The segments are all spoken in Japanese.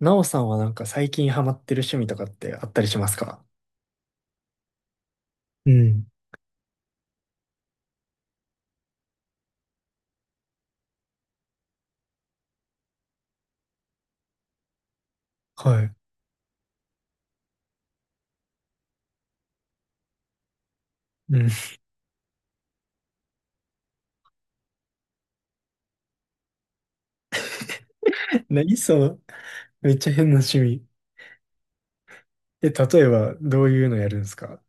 なおさんはなんか最近ハマってる趣味とかってあったりしますか？うん。はい。うん。何その、めっちゃ変な趣味。え、例えばどういうのやるんですか？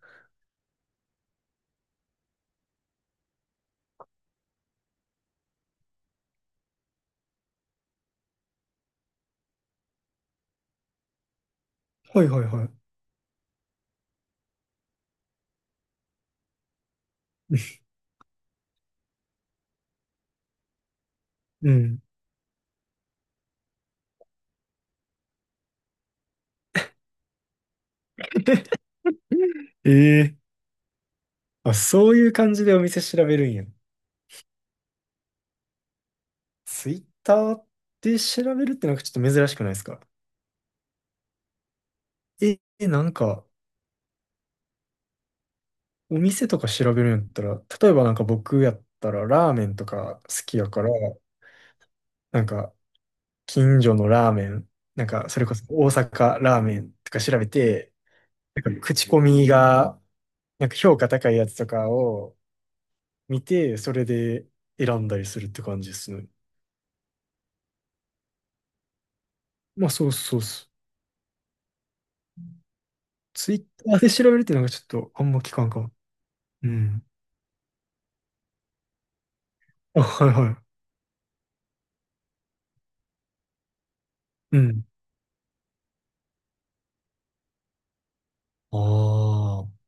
はいはいはい。うん。ええあ、そういう感じでお店調べるんや。ツイッターで調べるってなんかちょっと珍しくないですか？なんか、お店とか調べるんやったら、例えばなんか僕やったらラーメンとか好きやから、なんか近所のラーメン、なんか、それこそ大阪ラーメンとか調べて、なんか口コミが、なんか評価高いやつとかを見て、それで選んだりするって感じですね。まあ、そうそうそう。ツイッターで調べるっていうのがちょっとあんま聞かんかも。うん。あ、はいはい。うん。ああ。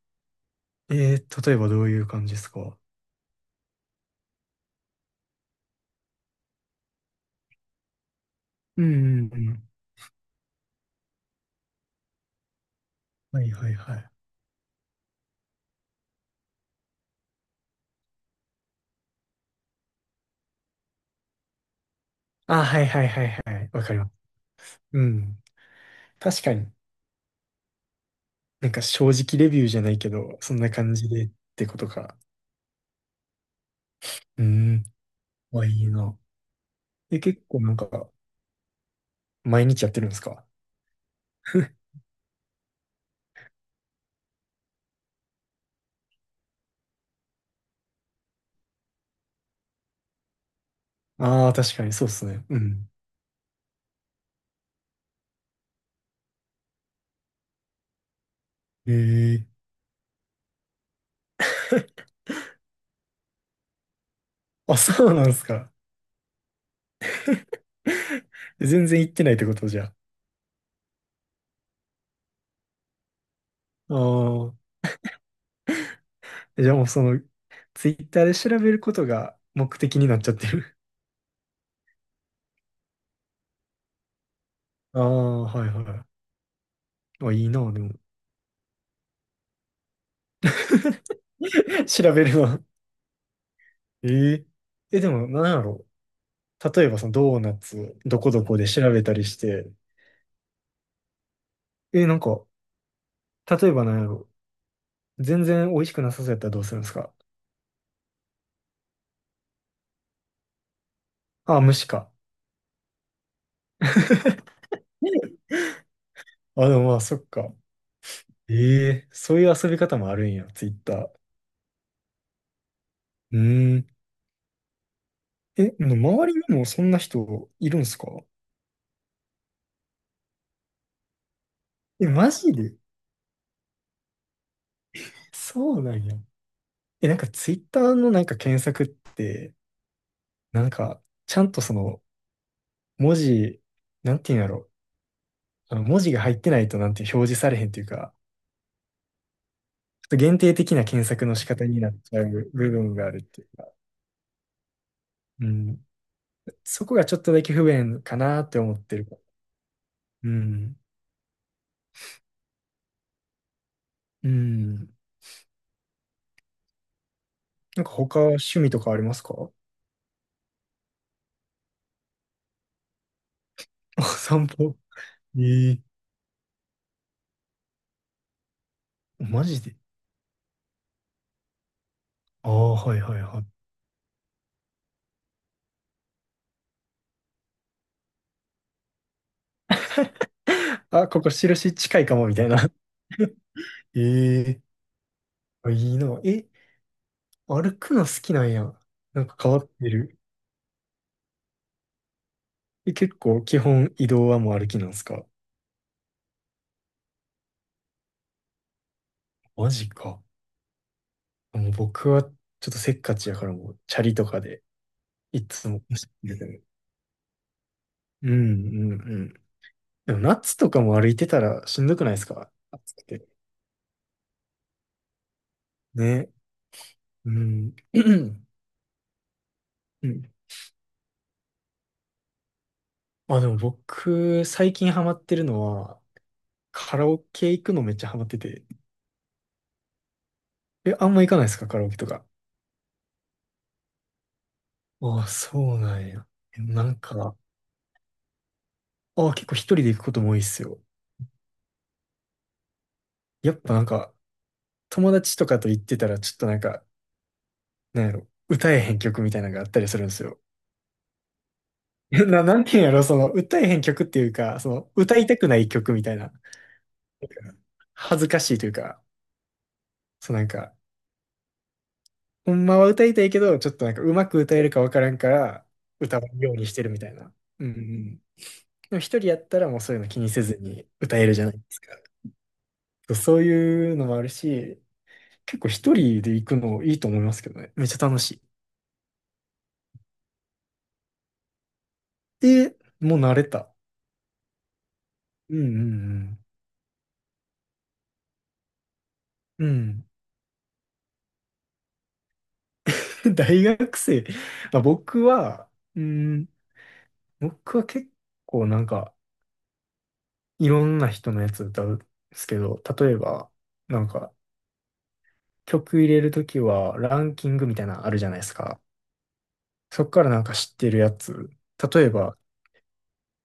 例えばどういう感じですか？うんうんうん。はいはいはい。あ、はいはいはいはい。わかります。うん。確かに。なんか正直レビューじゃないけど、そんな感じでってことか。うーん、まあいいな。え、結構なんか、毎日やってるんですか？あ あー、確かにそうっすね。うん。ええ あ、そうなんですか。全然行ってないってことじゃあ？ああ、じゃあもうその、ツイッターで調べることが目的になっちゃってる。ああ、はいはい。あ、いいな、でも。調べるの。えええ、でも、なんやろう。例えば、そのドーナツ、どこどこで調べたりして、え、なんか、例えばなんやろ。全然美味しくなさそうやったらどうするんですか？あ、虫か。あ、でもまあ、そっか。えそういう遊び方もあるんや、ツイッター。うーん。え、でも周りにもそんな人いるんすか？え、マジで？そうなんや。え、なんかツイッターのなんか検索って、なんか、ちゃんとその、文字、なんていうんやろ。あの文字が入ってないとなんて表示されへんっていうか、ちょっと限定的な検索の仕方になっちゃう部分があるっていうか。うん。そこがちょっとだけ不便かなって思ってる。うん。うん。なんか他趣味とかありますか？あ、散歩。ええマジで？ああ、はいはいはい。あ、ここ印近いかも、みたいな。ええあいいな。え、歩くの好きなんや。なんか変わってる。え、結構基本移動はもう歩きなんすか？マジか。もう僕はちょっとせっかちやからもうチャリとかでいつも走ってる。うんうん。でも夏とかも歩いてたらしんどくないですか、暑くて。ね。うん。うん。あ、でも僕、最近ハマってるのは、カラオケ行くのめっちゃハマってて。え、あんま行かないですかカラオケとか。ああ、そうなんや。えなんか、ああ、結構一人で行くことも多いっすよ。やっぱなんか、友達とかと行ってたら、ちょっとなんか、なんやろ、歌えへん曲みたいなのがあったりするんですよ。なんていうんやろ、その、歌えへん曲っていうか、その、歌いたくない曲みたいな。なんか恥ずかしいというか、そうなんか、ほんまは歌いたいけど、ちょっとなんかうまく歌えるかわからんから、歌わんようにしてるみたいな。うんうん。でも一人やったらもうそういうの気にせずに歌えるじゃないですか。そうそういうのもあるし、結構一人で行くのいいと思いますけどね。めっちゃ楽しい。で、もう慣れた。うんうんうん。うん。大学生。まあ、うん、僕は結構なんか、いろんな人のやつ歌うんですけど、例えば、なんか、曲入れるときはランキングみたいなのあるじゃないですか。そっからなんか知ってるやつ。例えば、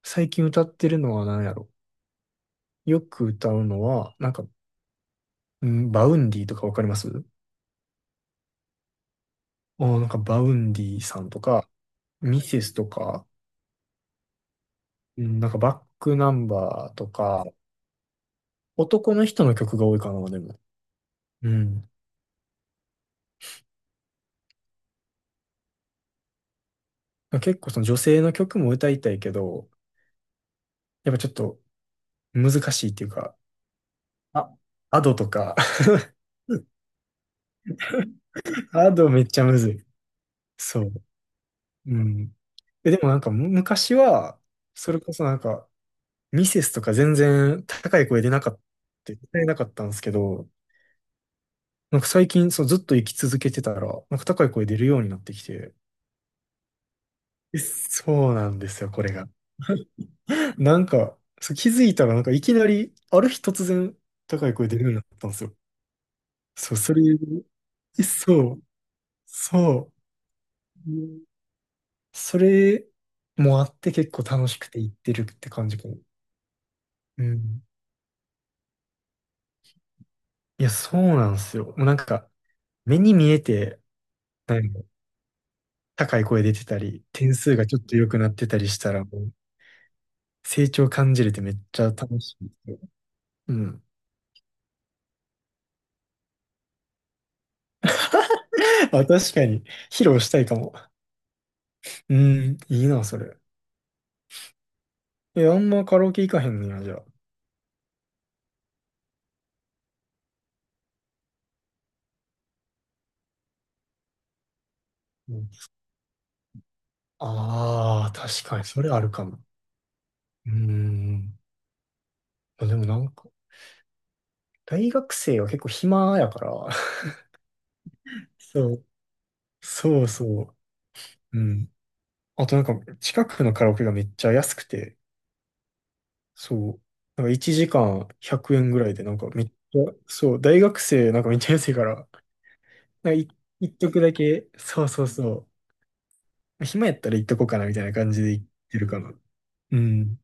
最近歌ってるのは何やろ。よく歌うのは、なんか、バウンディとかわかります？あーなんかバウンディさんとか、ミセスとか、うんなんかバックナンバーとか、男の人の曲が多いかな、でも。うん。結構その女性の曲も歌いたいけど、やっぱちょっと難しいっていうか、あ、アドとか、アドめっちゃむずい。そう。うん。え、でもなんか昔は、それこそなんか、ミセスとか全然高い声出なかった、歌えなかったんですけど、なんか最近そうずっと生き続けてたら、なんか高い声出るようになってきて、えそうなんですよ、これが。なんか、そう気づいたらなんかいきなり、ある日突然高い声出るようになったんですよ。そう、それ、えそう、そう。うん、それもあって結構楽しくて行ってるって感じかも。うん。いや、そうなんですよ。もうなんか、目に見えて、なんか高い声出てたり、点数がちょっと良くなってたりしたら、もう、成長感じれてめっちゃ楽しいですよ。うん。あ、確かに、披露したいかも。うん、いいな、それ。え、あんまカラオケ行かへんねや、じゃあ。うああー、確かに、それあるかも。うん。まあでもなんか、大学生は結構暇やから。そう、そうそう。うん。あとなんか、近くのカラオケがめっちゃ安くて、そう。なんか1時間100円ぐらいで、なんかめっちゃ、そう、大学生なんかめっちゃ安いから、なんか一徳だけ、そうそうそう。暇やったら行っとこうかなみたいな感じで行ってるかな。うん。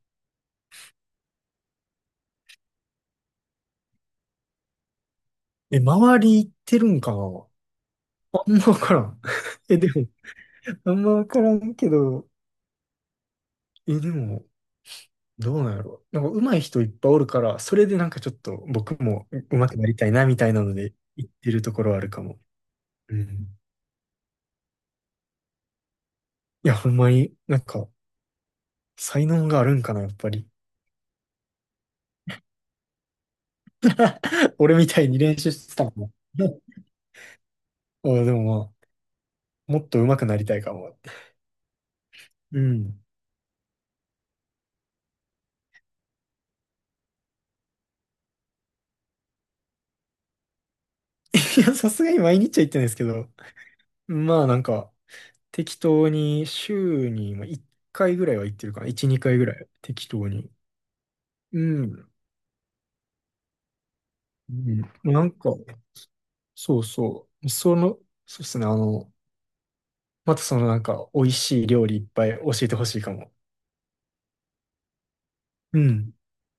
え、周り行ってるんかな？あんまわからん。え、でも、あんまわからんけど、え、でも、どうなんやろなんか上手い人いっぱいおるから、それでなんかちょっと僕も上手くなりたいなみたいなので行ってるところはあるかも。うん。いや、ほんまに、なんか、才能があるんかな、やっぱり。俺みたいに練習してたもん。あでもまあ、もっと上手くなりたいかもって。うん。いや、さすがに毎日は行ってないですけど、まあなんか、適当に週にまあ1回ぐらいは行ってるかな。1、2回ぐらい。適当に。うん。うん。なんか、そうそう。その、そうですね。あの、またそのなんか、美味しい料理いっぱい教えてほしいかも。うん。